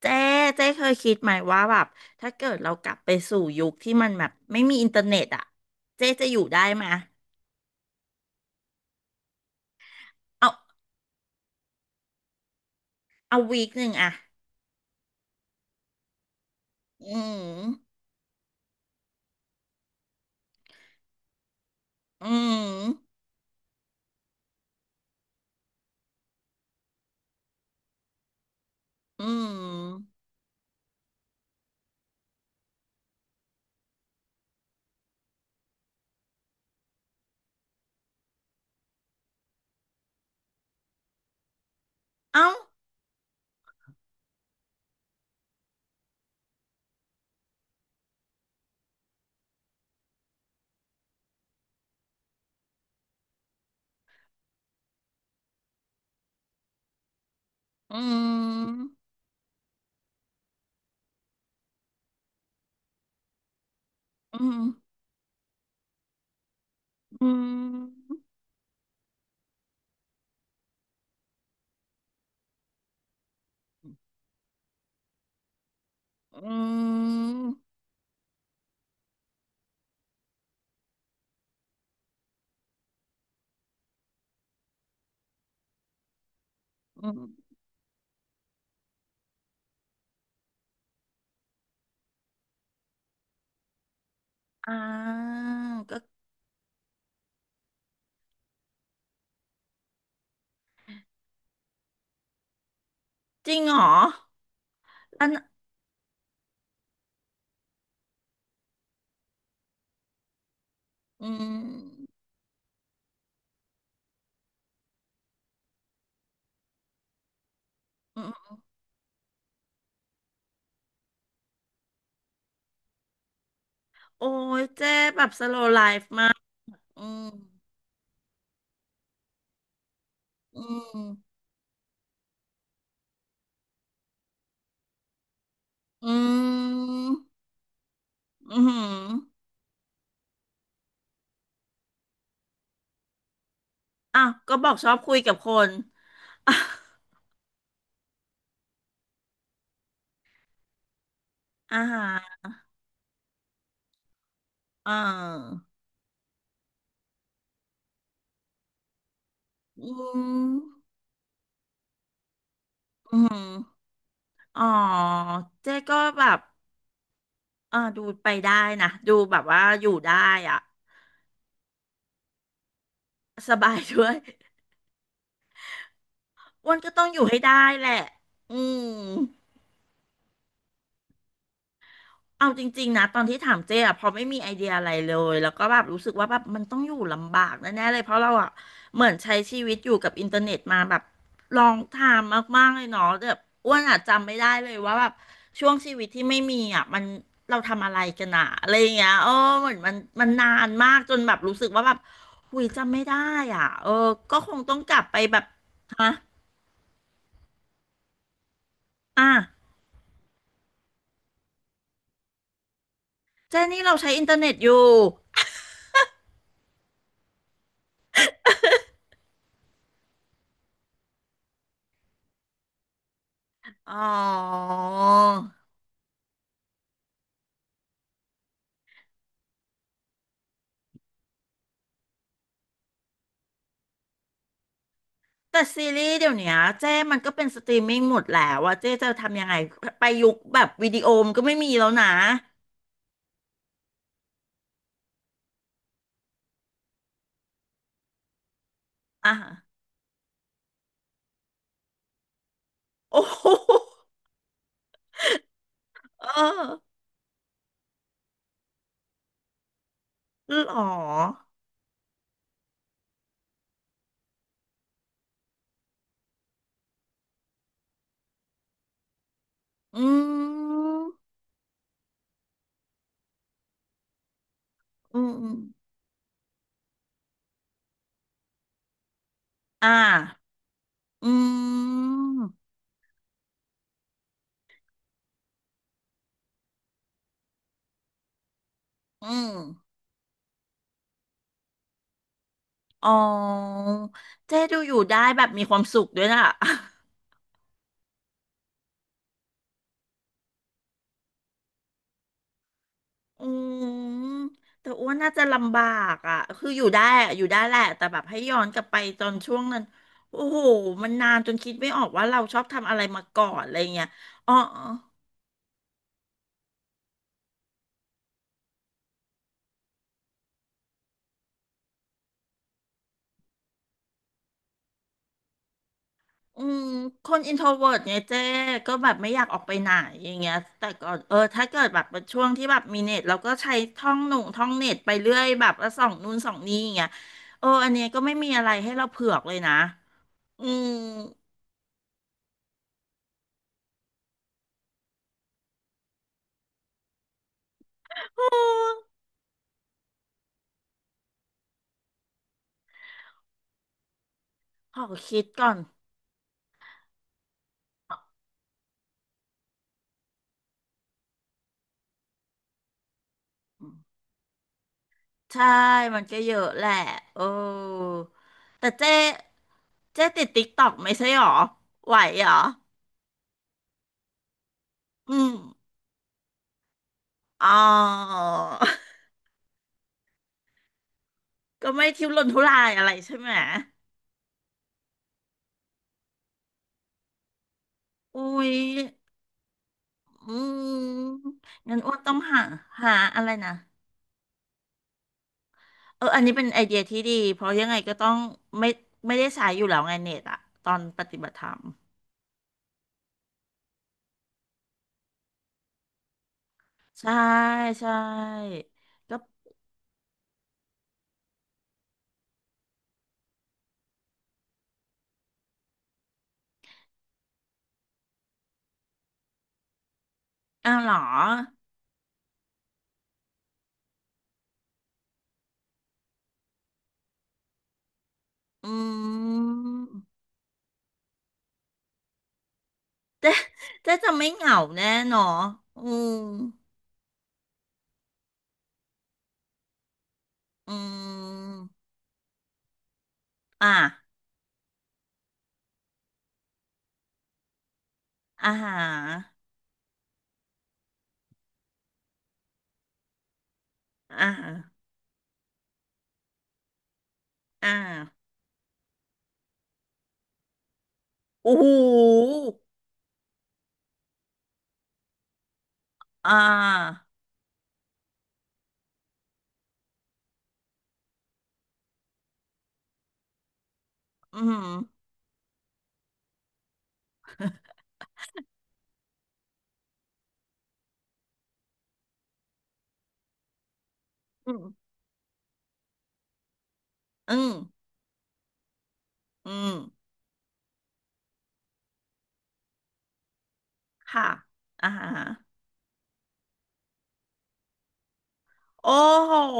เจ๊เจ๊เคยคิดไหมว่าแบบถ้าเกิดเรากลับไปสู่ยุคที่มันแบบไม่มีอินเทอร์เน็ตอ่ะเจ๊จะอยู่ได้ไหมยเอาเอาวีคหนึ่งอ่ะอืมอืมอืมเอ้าอืมอืมอืมอืมอืมอ่าก็จริงเหรออันอืมอืมโอ้ย เจ๊แบบสโล w l ไลฟ์มากอืมอืมอืมอือือ อ้าวก็บอกชอบคุยกับคน อ่ะอาหารเอออืมอืมอ๋อเจ๊ก็แบบเออดูไปได้นะดูแบบว่าอยู่ได้อ่ะสบายด้วยอ้วนก็ต้องอยู่ให้ได้แหละอืม เอาจริงๆนะตอนที่ถามเจ๊อะพอไม่มีไอเดียอะไรเลยแล้วก็แบบรู้สึกว่าแบบมันต้องอยู่ลำบากแน่ๆเลยเพราะเราอะเหมือนใช้ชีวิตอยู่กับอินเทอร์เน็ตมาแบบลองทามมากๆเลยเนาะแบบอ้วนอะจำไม่ได้เลยว่าแบบช่วงชีวิตที่ไม่มีอะมันเราทำอะไรกันอะอะไรอย่างเงี้ยเออเหมือนมันนานมากจนแบบรู้สึกว่าแบบหุยจำไม่ได้อ่ะเออก็คงต้องกลับไปแบบฮะอ่ะเจ๊นี่เราใช้อินเทอร์เน็ตอยู่อ๋อ แต่ซีรีส์เดี๋ยวเนี้ยเจ้มันก็เป็นสตรีมมิ่งหมดแล้วว่าเจ้จะทำยังไงไปยุคแบบวิดีโอมนก็ไม่มีแล้วนะอ่ะโอ้ โหเออหรออืมอืมอมอ่าอืมอืมอ๋อเจ้ดูอยู่ได้แบบมีความสุขด้วยนะ อืมแต่อ้วนน่าจะลำบากอ่ะคืออยู่ได้อะอยู่ได้แหละแต่แบบให้ย้อนกลับไปตอนช่วงนั้นโอ้โหมันนานจนคิดไม่ออกว่าเราชอบทำอะไรมาก่อนอะไรเงี้ยอ๋ออืมคนอินโทรเวิร์ตไงเจ๊ก็แบบไม่อยากออกไปไหนอย่างเงี้ยแต่ก่อนเออถ้าเกิดแบบเป็นช่วงที่แบบมีเน็ตเราก็ใช้ท่องหนุ่งท่องเน็ตไปเรื่อยแบบแล้วส่องนู่นส่องนี่อย่างเงี้ยเอออันเนี้ยก็ไม่มีอะไรให้เราเผือกเลยนะอืมขอคิดก่อน ใช่มันก็เยอะแหละเออแต่เจ๊ติดติ๊กตอกไม่ใช่หรอ ไหวหรอ อืมอ๋อก็ไม่ทุรนทุรายอะไรใช่ไหมอุ้ย อืมงั้นอ้วนต้องหา หาอะไรนะเอออันนี้เป็นไอเดียที่ดี เพราะยังไงก็ต้องไม่ไม่ได้ใช้อยู่แล้วไงเน็ตอะตอนปฏิบัติธรรม ใช่ ใช่ ก็อ้าวเหรอ อืม เจ๊เจ๊จะไม่เหงาแน่เนอะอืมอืมอ่ะอาหาอ่าหาอ่าโอ้โหอ่าอืมอืมอืมอืมค่ะอาหาโอ้โห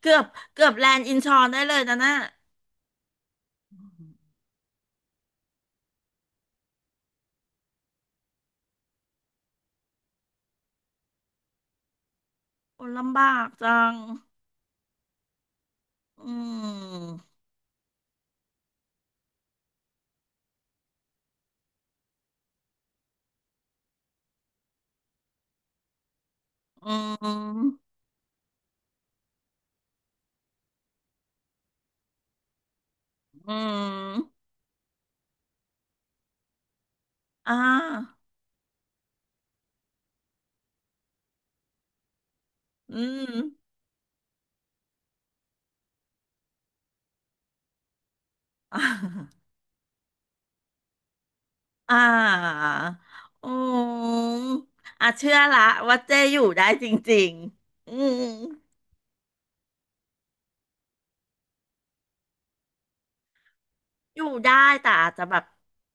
เกือบเกือบแลนด์อินชอนได้เลยนะน่ะโอ้ลำบากจังอืมอืมอืมอ่าอืม อ่าอืมอ่ะเชื่อละว่าเจ้อยู่ได้จริงๆอืมอยู่ได้แต่อาจจะแบบ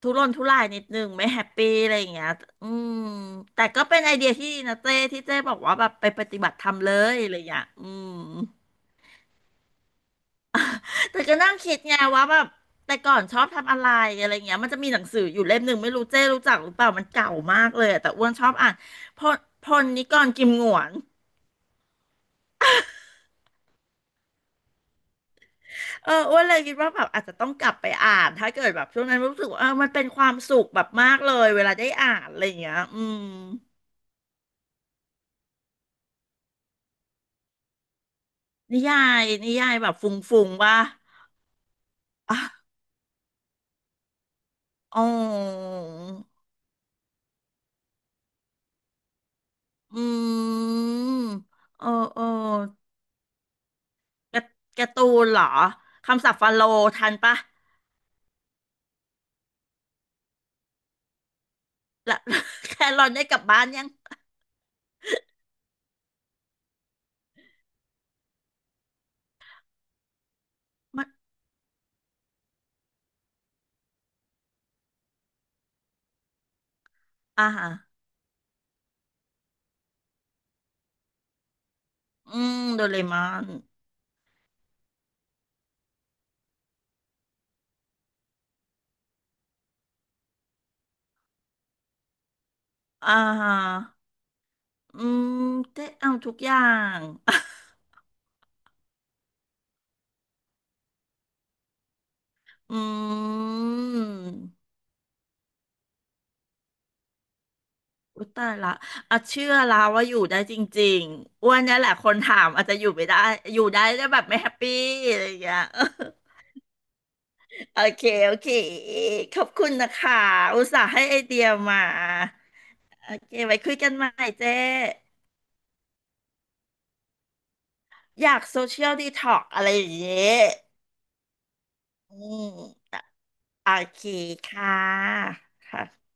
ทุรนทุรายนิดนึงไม่แฮปปี้อะไรอย่างเงี้ยอืมแต่ก็เป็นไอเดียที่ดีนะเจ้ที่เจ้บอกว่าแบบไปปฏิบัติธรรมเลยอะไรอย่างเงี้ยอืมแต่ก็นั่งคิดไงว่าแบบแต่ก่อนชอบทำอะไรอะไรเงี้ยมันจะมีหนังสืออยู่เล่มหนึ่งไม่รู้เจ้รู้จักหรือเปล่ามันเก่ามากเลยอะแต่อ้วนชอบอ่านพลพลนิกรกิมหงวน เอออ้วนเลยคิดว่าแบบอาจจะต้องกลับไปอ่านถ้าเกิดแบบช่วงนั้นรู้สึกว่าเออมันเป็นความสุขแบบมากเลยเวลาได้อ่านอะไรอย่างเงี้ยอืมนิยานิยายแบบฟุ้งๆว่าอะอ๋ออืมเออเออการ์การ์ตูนเหรอคำศัพท์ฟาโลทันปะและ แครอนได้กลับบ้านยังมันอ่าฮะอืมโดเรมอนอ่าฮะอืมได้เอาทุกอย่าง อืมอุยตายละอ่ะเชื่อแล้วว่าอยู่ได้จริงๆอ้วนเนี่ยแหละคนถามอาจจะอยู่ไม่ได้ อยู่ได้แต่แบบไม่แฮปปี้อะไรอย่างเงี้ย โอเค โอเคขอบคุณนะคะ อุตส่าห์ให้ไอเดียมา โอเค ไว้คุยกันใหม่เจ๊อยากโซเชียลดีท็อกอะไรอย่างเงี้ยอืมโอเคค่ะค่ะ